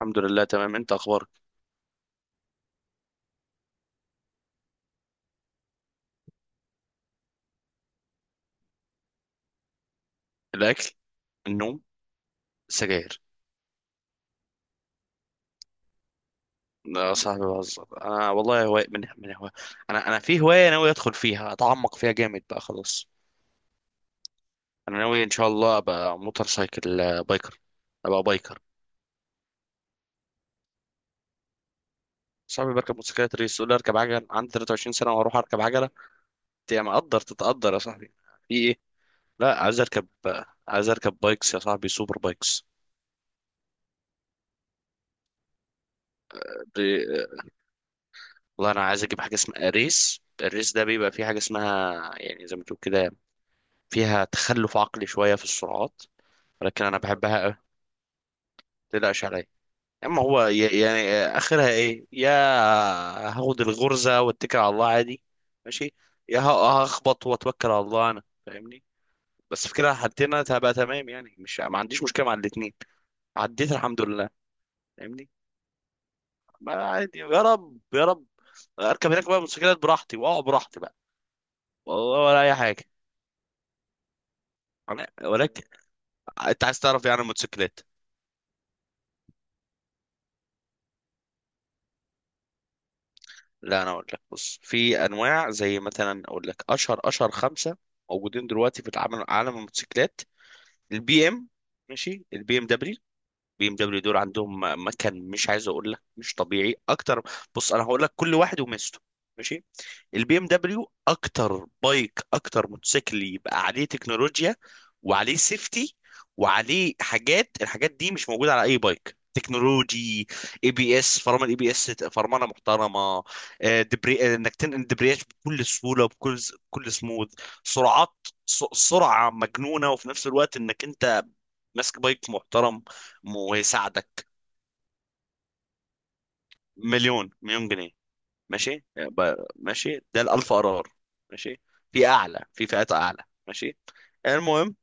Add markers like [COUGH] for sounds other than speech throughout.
الحمد لله، تمام. انت اخبارك؟ الاكل. النوم. السجاير. لا يا صاحبي، بهزر انا والله. هواية من هواية. انا في هوايه ناوي ادخل فيها، اتعمق فيها جامد بقى خلاص. انا ناوي ان شاء الله ابقى موتور سايكل، بايكر. ابقى بايكر. صاحبي بركب موتوسيكلات ريس يقول لي اركب عجل، عندي 23 سنه واروح اركب عجله؟ انت يا مقدر تتقدر يا صاحبي. في ايه؟ لا، عايز اركب، عايز اركب بايكس يا صاحبي، سوبر بايكس. ب- آه، والله انا عايز اجيب حاجه اسمها ريس. الريس ده بيبقى فيه حاجه اسمها يعني زي ما تقول كده، فيها تخلف عقلي شوية في السرعات. ولكن أنا بحبها أوي. متقلقش عليا. أما هو يعني آخرها إيه يا؟ هاخد الغرزة واتكل على الله عادي. ماشي. يا هخبط واتوكل على الله، أنا فاهمني. بس في كده حالتين أنا هبقى تمام، يعني مش، ما عنديش مشكلة مع الاتنين. عديت الحمد لله. فاهمني. ما عادي، يا رب يا رب. اركب هناك بقى موتوسيكلات براحتي، واقع براحتي بقى. والله ولا اي حاجه. ولكن انت عايز تعرف يعني الموتوسيكلات؟ لا انا اقول لك، بص، في انواع زي مثلا. اقول لك اشهر خمسه موجودين دلوقتي في العالم، عالم الموتوسيكلات. البي ام. ماشي، البي ام دبليو. بي ام دبليو دول عندهم مكان مش عايز اقول لك، مش طبيعي اكتر. بص انا هقول لك كل واحد وميزته. ماشي. البي ام دبليو اكتر بايك، اكتر موتوسيكل يبقى عليه تكنولوجيا وعليه سيفتي وعليه حاجات. الحاجات دي مش موجوده على اي بايك. تكنولوجي، اي بي اس فرمان، اي بي اس فرمانه محترمه. دبري، انك تنقل دبرياج بكل سهوله وبكل، سموث سرعات، سرعه مجنونه، وفي نفس الوقت انك انت ماسك بايك محترم ويساعدك. مليون مليون جنيه. ماشي، ماشي، ده الالف قرار. ماشي. في اعلى، في فئات اعلى. ماشي. المهم،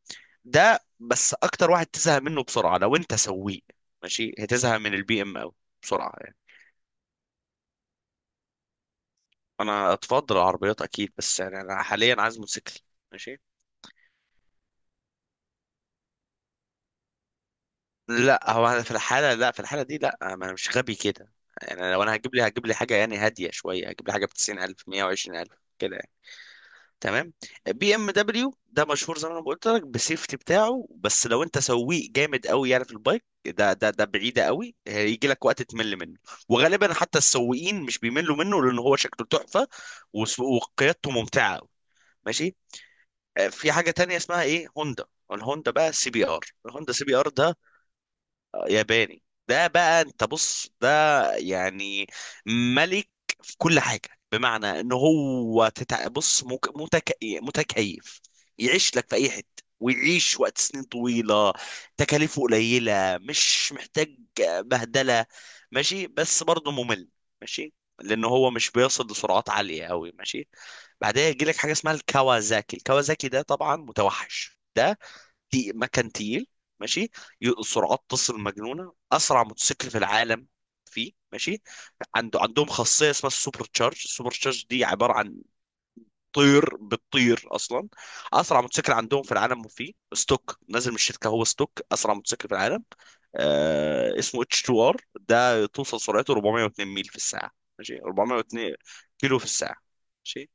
ده بس اكتر واحد تزهق منه بسرعه لو انت سويق. ماشي، هتزهق من البي ام قوي بسرعه يعني. انا اتفضل العربيات اكيد، بس يعني انا حاليا عايز موتوسيكل. ماشي. لا، هو انا في الحاله، لا، في الحاله دي، لا، ما انا مش غبي كده يعني. لو انا هجيب لي حاجه، يعني هاديه شويه، هجيب لي حاجه ب 90,000، 120,000 كده يعني. تمام. بي ام دبليو ده مشهور زي ما انا قلت لك بالسيفتي بتاعه، بس لو انت سويق جامد قوي يعني في البايك ده، ده بعيده قوي. هيجي لك وقت تمل منه، وغالبا حتى السويقين مش بيملوا منه لان هو شكله تحفه، وقيادته ممتعه قوي. ماشي. في حاجه تانية اسمها ايه، هوندا. الهوندا بقى، سي بي ار. الهوندا سي بي ار ده ياباني. ده بقى انت بص، ده يعني ملك في كل حاجة، بمعنى ان هو بص، متكيف، يعيش لك في اي حتة، ويعيش وقت سنين طويلة. تكاليفه قليلة، مش محتاج بهدلة. ماشي. بس برضه ممل، ماشي، لان هو مش بيصل لسرعات عالية قوي. ماشي. بعدها يجي لك حاجة اسمها الكawasaki. الكawasaki ده طبعا متوحش ده، مكن تقيل. ماشي. سرعات تصل مجنونه، اسرع موتوسيكل في العالم فيه. ماشي. عندهم خاصيه اسمها السوبر تشارج. السوبر تشارج دي عباره عن طير بتطير اصلا. اسرع موتوسيكل عندهم في العالم، وفيه ستوك نازل من الشركه، هو ستوك اسرع موتوسيكل في العالم. آه، اسمه اتش 2 ار، ده توصل سرعته 402 ميل في الساعه. ماشي، 402 كيلو في الساعه. ماشي.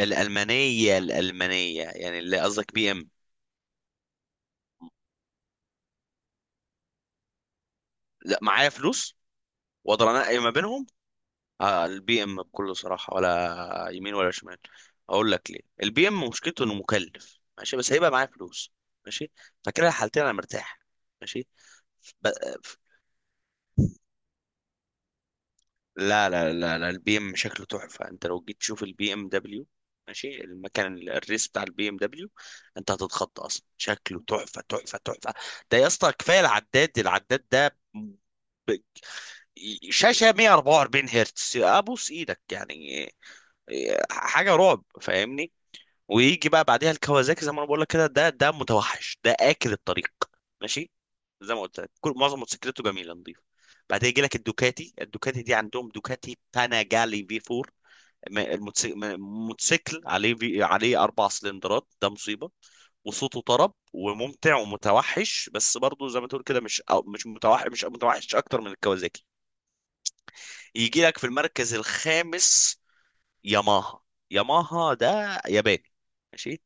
الالمانيه، الالمانيه يعني اللي قصدك بي ام. لا، معايا فلوس واقدر انقي ما بينهم. آه، البي ام بكل صراحه، ولا يمين ولا شمال. اقول لك ليه. البي ام مشكلته انه مكلف، ماشي، بس هيبقى معايا فلوس. ماشي، فكده الحالتين انا مرتاح. ماشي. ب... لا، لا، لا لا، البي ام شكله تحفه. انت لو جيت تشوف البي ام دبليو، ماشي، المكان، الريس بتاع البي ام دبليو، انت هتتخض اصلا. شكله تحفه تحفه تحفه. ده يا اسطى، كفايه العداد ده، ب- شاشه 144 هرتز، ابوس ايدك يعني. إيه، حاجه رعب، فاهمني. ويجي بقى بعديها الكوازاكي، زي ما انا بقول لك كده، ده متوحش ده، اكل الطريق. ماشي. زي ما قلت لك، كل معظم موتوسيكلته جميله نظيفه. بعدها يجي لك الدوكاتي. الدوكاتي دي عندهم دوكاتي باناجالي في 4. م- الموتسي- م- موتوسيكل عليه، عليه اربع سلندرات. ده مصيبه. وصوته طرب وممتع ومتوحش. بس برضه زي ما تقول كده، مش، أو مش متوحش، مش متوحش اكتر من الكوازاكي. يجي لك في المركز الخامس ياماها. ياماها ده ياباني. ماشي.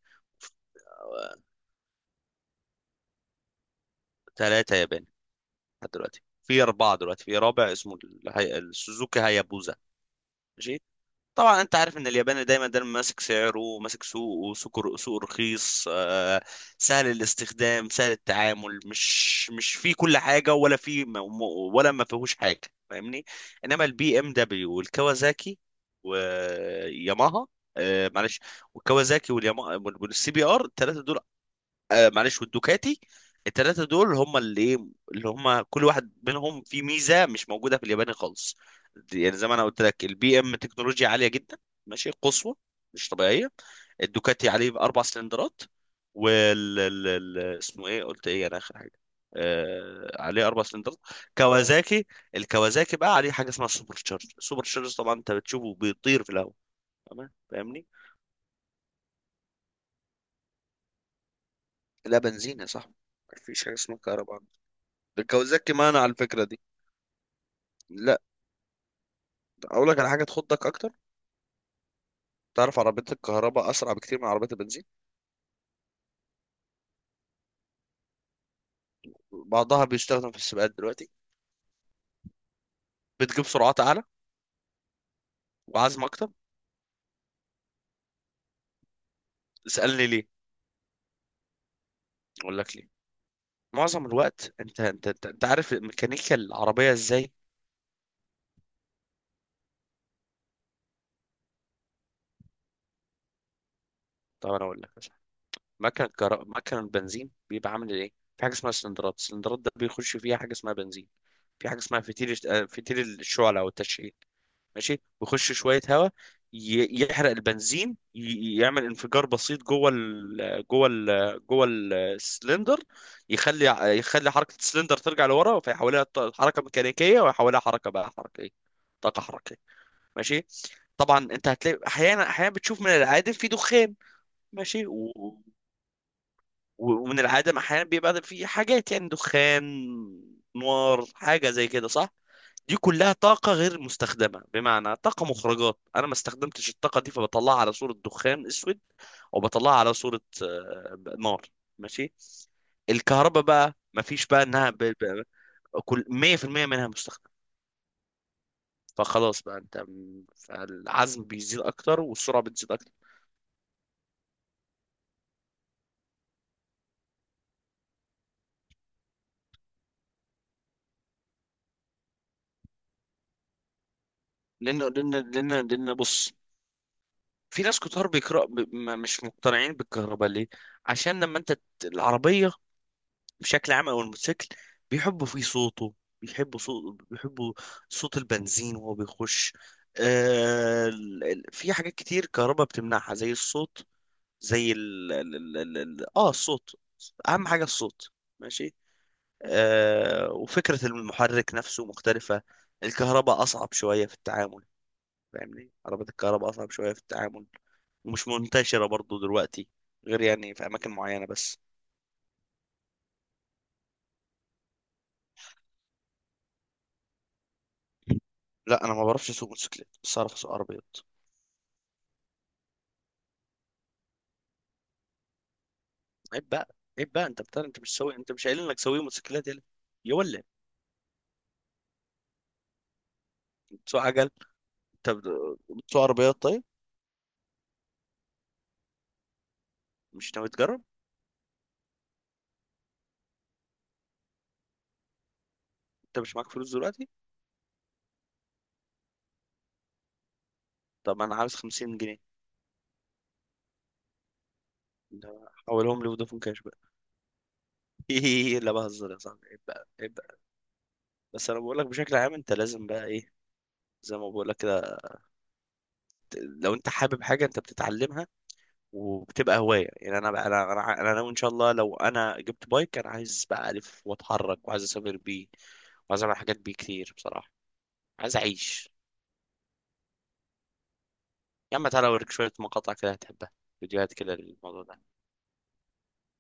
ثلاثة ياباني لحد دلوقتي. في أربعة دلوقتي، في رابع اسمه السوزوكي هايابوزا. ماشي. طبعا أنت عارف إن الياباني دايما دايما ماسك سعره، ماسك سوقه، سوق رخيص، سهل الاستخدام، سهل التعامل، مش في كل حاجة، ولا في ولا ما فيهوش حاجة. فاهمني. إنما البي إم دبليو والكawasaki وياماها، معلش، والكوازاكي والياما والسي بي ار، الثلاثه دول، معلش، والدوكاتي، التلاتة دول هم اللي ايه، اللي هم كل واحد منهم فيه ميزة مش موجودة في الياباني خالص. يعني زي ما انا قلت لك، البي ام تكنولوجيا عالية جدا، ماشي، قصوى، مش طبيعية. الدوكاتي عليه اربع سلندرات. اسمه ايه، قلت ايه انا اخر حاجة؟ آه، عليه اربع سلندرات. كوازاكي، الكوازاكي بقى عليه حاجة اسمها سوبر تشارج. سوبر تشارج، طبعا انت بتشوفه بيطير في الهواء. تمام، فاهمني. لا، بنزين يا صاحبي. مفيش حاجة اسمها كهرباء. الكوازاكي مانع على الفكرة دي. لا. اقول لك على حاجه تخضك اكتر. تعرف عربيات الكهرباء اسرع بكتير من عربيات البنزين. بعضها بيستخدم في السباقات دلوقتي. بتجيب سرعات اعلى وعزم اكتر. اسالني ليه. اقول لك ليه. معظم الوقت انت عارف ميكانيكا العربيه ازاي. طب انا اقول لك. مكن بنزين بيبقى عامل ايه. في حاجه اسمها سلندرات. السلندرات ده بيخش فيها حاجه اسمها بنزين. في حاجه اسمها فتيل، فتيل الشعله او التشعيل. ماشي. بيخش شويه هواء، يحرق البنزين، يعمل انفجار بسيط جوه السلندر. يخلي، يخلي حركه السلندر ترجع لورا، فيحولها حركه ميكانيكيه، ويحولها حركه بقى، حركه ايه، طاقه حركيه. ماشي. طبعا انت هتلاقي احيانا، احيانا بتشوف من العادم في دخان. ماشي. ومن العدم احيانا بيبقى في حاجات، يعني دخان، نار، حاجه زي كده، صح؟ دي كلها طاقه غير مستخدمه، بمعنى طاقه مخرجات انا ما استخدمتش الطاقه دي، فبطلعها على صوره دخان اسود، او بطلعها على صوره نار. ماشي. الكهرباء بقى، ما فيش بقى انها كل 100% منها مستخدم. فخلاص بقى انت، فالعزم بيزيد اكتر والسرعه بتزيد اكتر. لان بص، في ناس كتار بيقرأ ب... ما- مش مقتنعين بالكهرباء ليه. عشان لما انت العربية بشكل عام او الموتوسيكل بيحبوا فيه صوته، بيحبوا صوت البنزين وهو بيخش. في حاجات كتير كهرباء بتمنعها زي الصوت، زي ال... ال... ال... ال... ال- اه الصوت، اهم حاجة الصوت. ماشي. وفكرة المحرك نفسه مختلفة. الكهرباء اصعب شوية في التعامل، فاهمني. عربيات الكهرباء أصعب شوية في التعامل، ومش منتشرة برضو دلوقتي، غير يعني في أماكن معينة بس. لا، أنا ما بعرفش أسوق موتوسيكلات، بس أعرف أسوق عربيات. عيب بقى، عيب بقى. أنت بتاع، أنت مش سوي. أنت مش قايل إنك سوي موتوسيكلات؟ يلا. يا ولا، أنت بتسوق عجل، أنت بتسوق عربيات طيب. مش ناوي تجرب؟ أنت مش معاك فلوس دلوقتي. طب أنا عاوز 50 جنيه. لا، حولهم لي فودافون كاش بقى. [LAUGHS] لا، بهزر يا صاحبي. عيب بقى، عيب بقى. بس انا بقول لك بشكل عام، انت لازم بقى ايه، زي ما بقول لك كده، لو انت حابب حاجه انت بتتعلمها وبتبقى هوايه. يعني انا بقى، انا انا أنا ناوي ان شاء الله، لو انا جبت بايك، انا عايز بقى الف واتحرك، وعايز اسافر بيه، وعايز اعمل حاجات بيه كتير بصراحه. عايز اعيش. يا عم تعالى اوريك شويه مقاطع كده هتحبها، فيديوهات كده للموضوع ده.